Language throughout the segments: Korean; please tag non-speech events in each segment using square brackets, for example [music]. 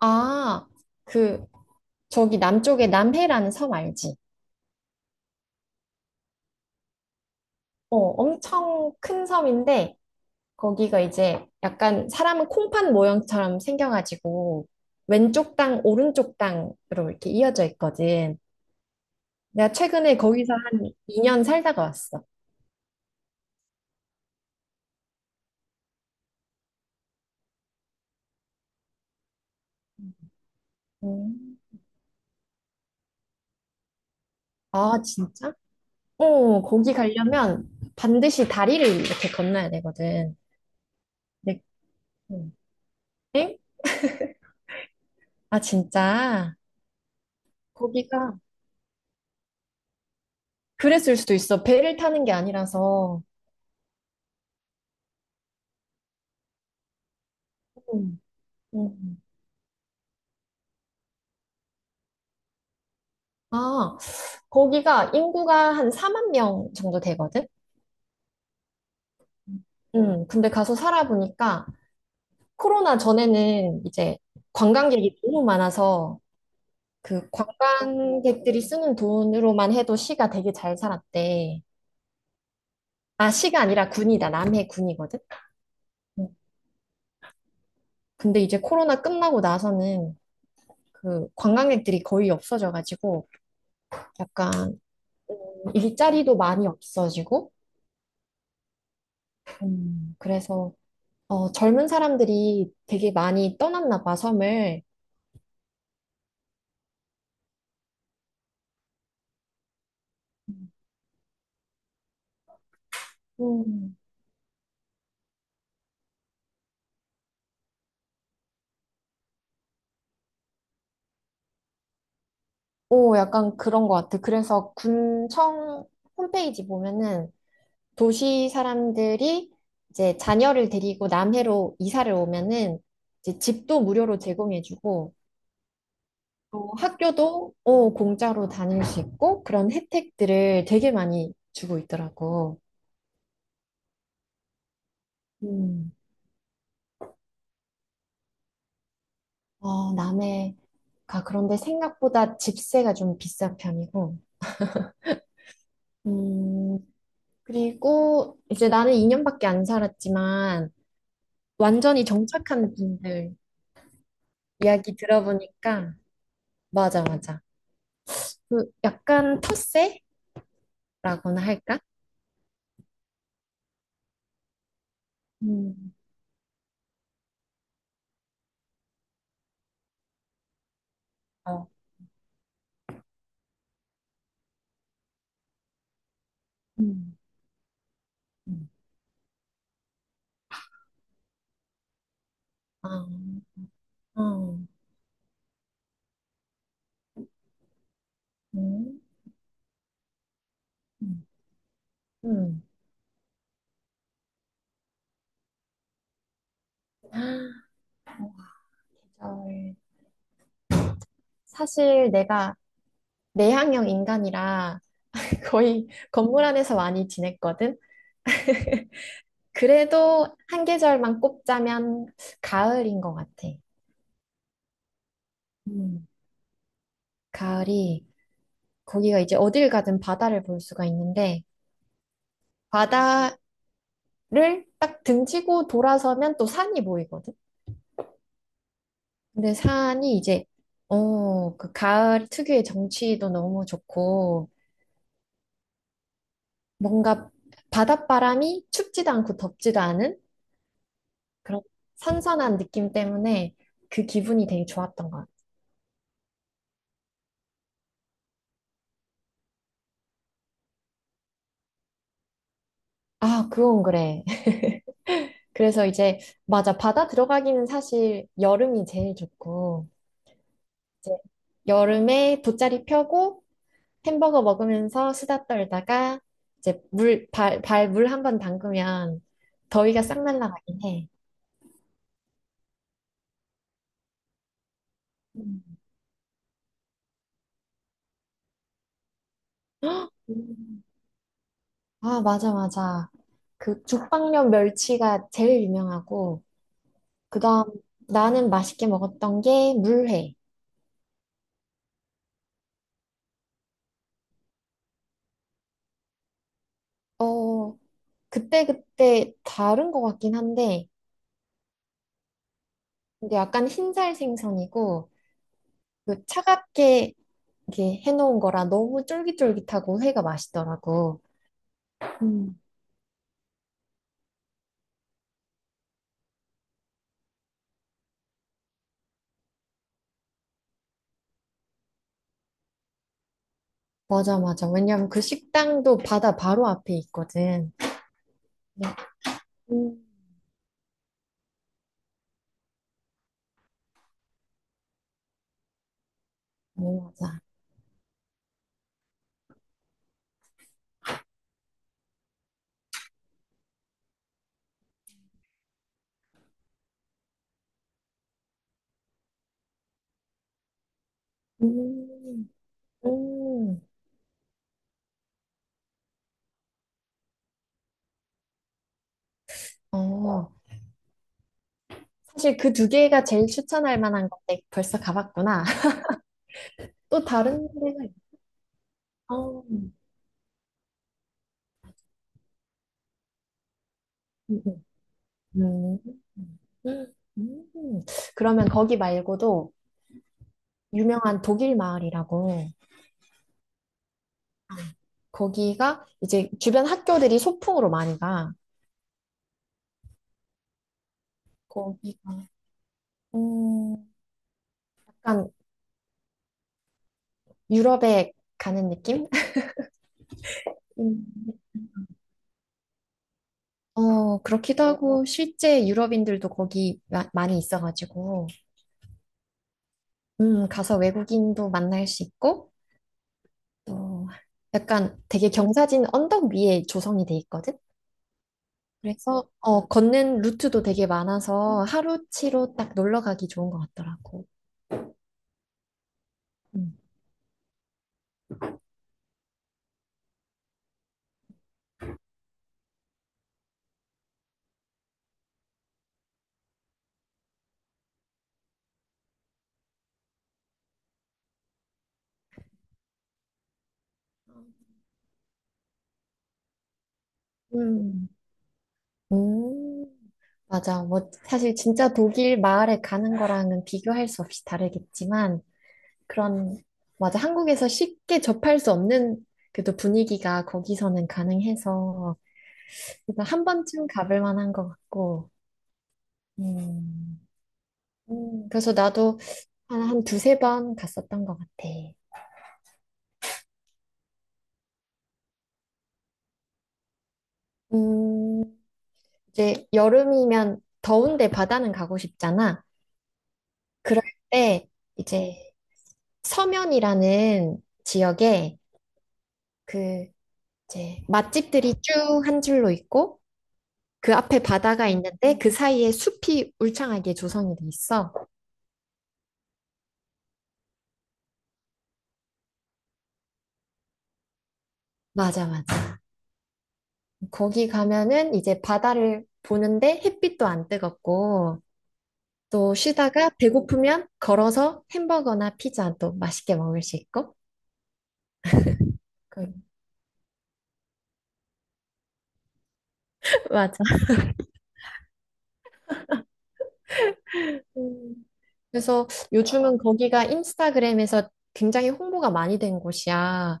아, 그, 저기 남쪽에 남해라는 섬 알지? 어, 엄청 큰 섬인데, 거기가 이제 약간 사람은 콩팥 모양처럼 생겨가지고, 왼쪽 땅, 오른쪽 땅으로 이렇게 이어져 있거든. 내가 최근에 거기서 한 2년 살다가 왔어. 음. 아, 진짜? 어, 거기 가려면 반드시 다리를 이렇게 건너야 되거든. 네. 음. 엥? 아, 진짜? 거기가 그랬을 수도 있어. 배를 타는 게 아니라서. 음, 음. 아, 거기가 인구가 한 4만 명 정도 되거든? 근데 가서 살아보니까 코로나 전에는 이제 관광객이 너무 많아서 그 관광객들이 쓰는 돈으로만 해도 시가 되게 잘 살았대. 아, 시가 아니라 군이다. 남해 군이거든? 음, 근데 이제 코로나 끝나고 나서는 그 관광객들이 거의 없어져가지고 약간, 음, 일자리도 많이 없어지고. 그래서 어, 젊은 사람들이 되게 많이 떠났나 봐, 섬을. 음, 음. 오, 약간 그런 것 같아. 그래서 군청 홈페이지 보면은 도시 사람들이 이제 자녀를 데리고 남해로 이사를 오면은 이제 집도 무료로 제공해주고 또 학교도, 오, 공짜로 다닐 수 있고 그런 혜택들을 되게 많이 주고 있더라고. 음, 어, 남해가 그런데 생각보다 집세가 좀 비싼 편이고. 음, 그리고 이제 나는 2년밖에 안 살았지만 완전히 정착한 분들 이야기 들어보니까 맞아, 맞아. 그 약간 텃세라고나 할까? 음. 어. 음. 음. 아, 어. 음. 음. 음. 계절. 사실 내가 내향형 인간이라 [laughs] 거의 건물 안에서 많이 지냈거든. 그래도 한 계절만 꼽자면 가을인 것 같아. 음. 가을이, 거기가 이제 어딜 가든 바다를 볼 수가 있는데, 바다를 딱 등치고 돌아서면 또 산이 보이거든? 근데 산이 이제, 어, 그 가을 특유의 정취도 너무 좋고, 뭔가 바닷바람이 춥지도 않고 덥지도 않은 그런 선선한 느낌 때문에 그 기분이 되게 좋았던 거야. 아, 그건 그래. [laughs] 그래서 이제, 맞아. 바다 들어가기는 사실 여름이 제일 좋고, 이제 여름에 돗자리 펴고, 햄버거 먹으면서 수다 떨다가 이제 발 물 한 번 담그면 더위가 싹 날라가긴 해. 음. 헉! 음. 아, 맞아, 맞아. 그 죽방면 멸치가 제일 유명하고, 그다음 나는 맛있게 먹었던 게 물회. 어, 그때그때 다른 것 같긴 한데, 근데 약간 흰살 생선이고, 그 차갑게 이렇게 해놓은 거라 너무 쫄깃쫄깃하고 회가 맛있더라고. 음. 맞아, 맞아. 왜냐면 그 식당도 바다 바로 앞에 있거든. 네. 음, 네, 맞아. 음, 음. 어, 사실 그 두 개가 제일 추천할 만한 건데 벌써 가봤구나. [laughs] 또 다른 데가 어, 음, 음, 음, 음. 그러면 거기 말고도 유명한 독일 마을이라고, 거기가 이제 주변 학교들이 소풍으로 많이 가. 거기가 음, 약간 유럽에 가는 느낌? [laughs] 음. 어, 그렇기도 하고, 실제 유럽인들도 거기 많이 있어가지고, 가서 외국인도 만날 수 있고, 또 약간 되게 경사진 언덕 위에 조성이 돼 있거든? 그래서, 어, 걷는 루트도 되게 많아서 하루치로 딱 놀러 가기 좋은 것 같더라고. 음, 음, 음, 맞아. 뭐, 사실 진짜 독일 마을에 가는 거랑은 비교할 수 없이 다르겠지만, 그런, 맞아. 한국에서 쉽게 접할 수 없는 그래도 분위기가 거기서는 가능해서 일단 한 번쯤 가볼 만한 것 같고, 음, 그래서 나도 한 두세 번 갔었던 것 같아. 음, 이제 여름이면 더운데 바다는 가고 싶잖아. 그럴 때 이제 서면이라는 지역에 그 이제 맛집들이 쭉 한 줄로 있고, 그 앞에 바다가 있는데 그 사이에 숲이 울창하게 조성이 돼 있어. 맞아, 맞아. 거기 가면은 이제 바다를 보는데 햇빛도 안 뜨겁고 또 쉬다가 배고프면 걸어서 햄버거나 피자 또 맛있게 먹을 수 있고. 그- [laughs] 맞아. 음. 그래서 요즘은 거기가 인스타그램에서 굉장히 홍보가 많이 된 곳이야.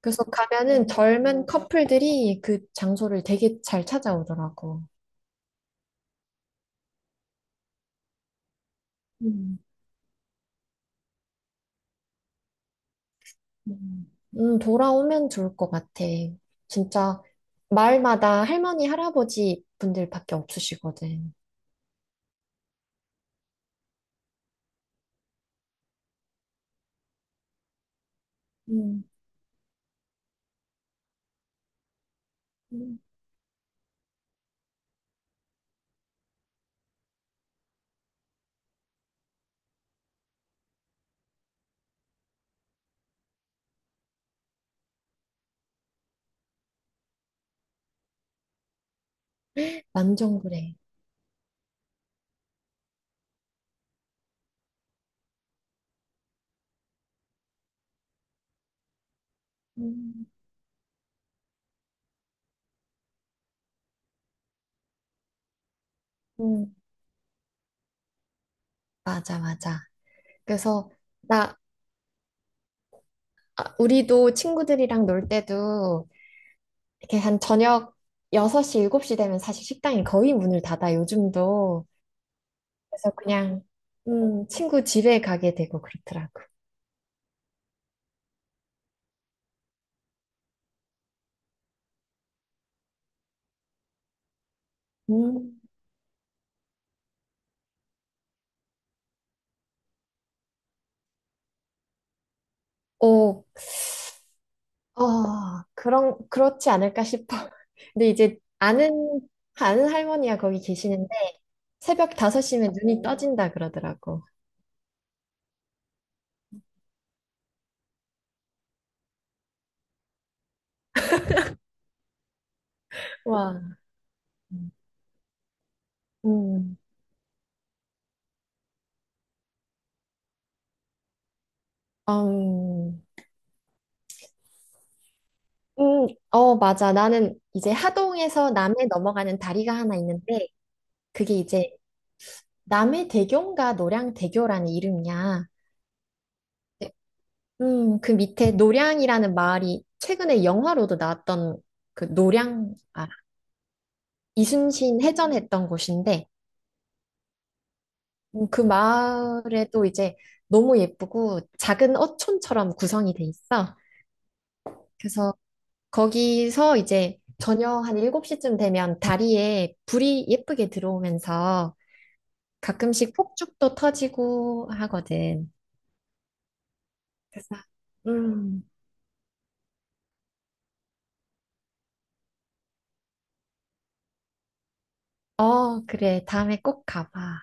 그래서 가면은 젊은 커플들이 그 장소를 되게 잘 찾아오더라고. 음. 음, 돌아오면 좋을 것 같아. 진짜 마을마다 할머니, 할아버지 분들밖에 없으시거든. 음, 음, 완전 그래. 음, 음, 맞아, 맞아. 그래서 나, 아, 우리도 친구들이랑 놀 때도 이렇게 한 저녁 6시, 7시 되면 사실 식당이 거의 문을 닫아, 요즘도. 그래서 그냥 친구 집에 가게 되고 그렇더라고. 음. 오. 아, 그렇지 않을까 싶어. [laughs] 근데 이제 아는 할머니가 거기 계시는데 새벽 다섯시면 눈이 떠진다 그러더라고. 와. 음, 음, 어, 맞아. 나는 이제 하동에서 남해 넘어가는 다리가 하나 있는데 그게 이제 남해대교인가 노량대교라는 이름이야. 네. 그 밑에 노량이라는 마을이 최근에 영화로도 나왔던 그 노량, 아, 이순신 해전했던 곳인데 그 마을에 또 이제 너무 예쁘고 작은 어촌처럼 구성이 돼 있어. 그래서 거기서 이제 저녁 한 7시쯤 되면 다리에 불이 예쁘게 들어오면서 가끔씩 폭죽도 터지고 하거든. 그래서 음, 어, 그래. 다음에 꼭 가봐.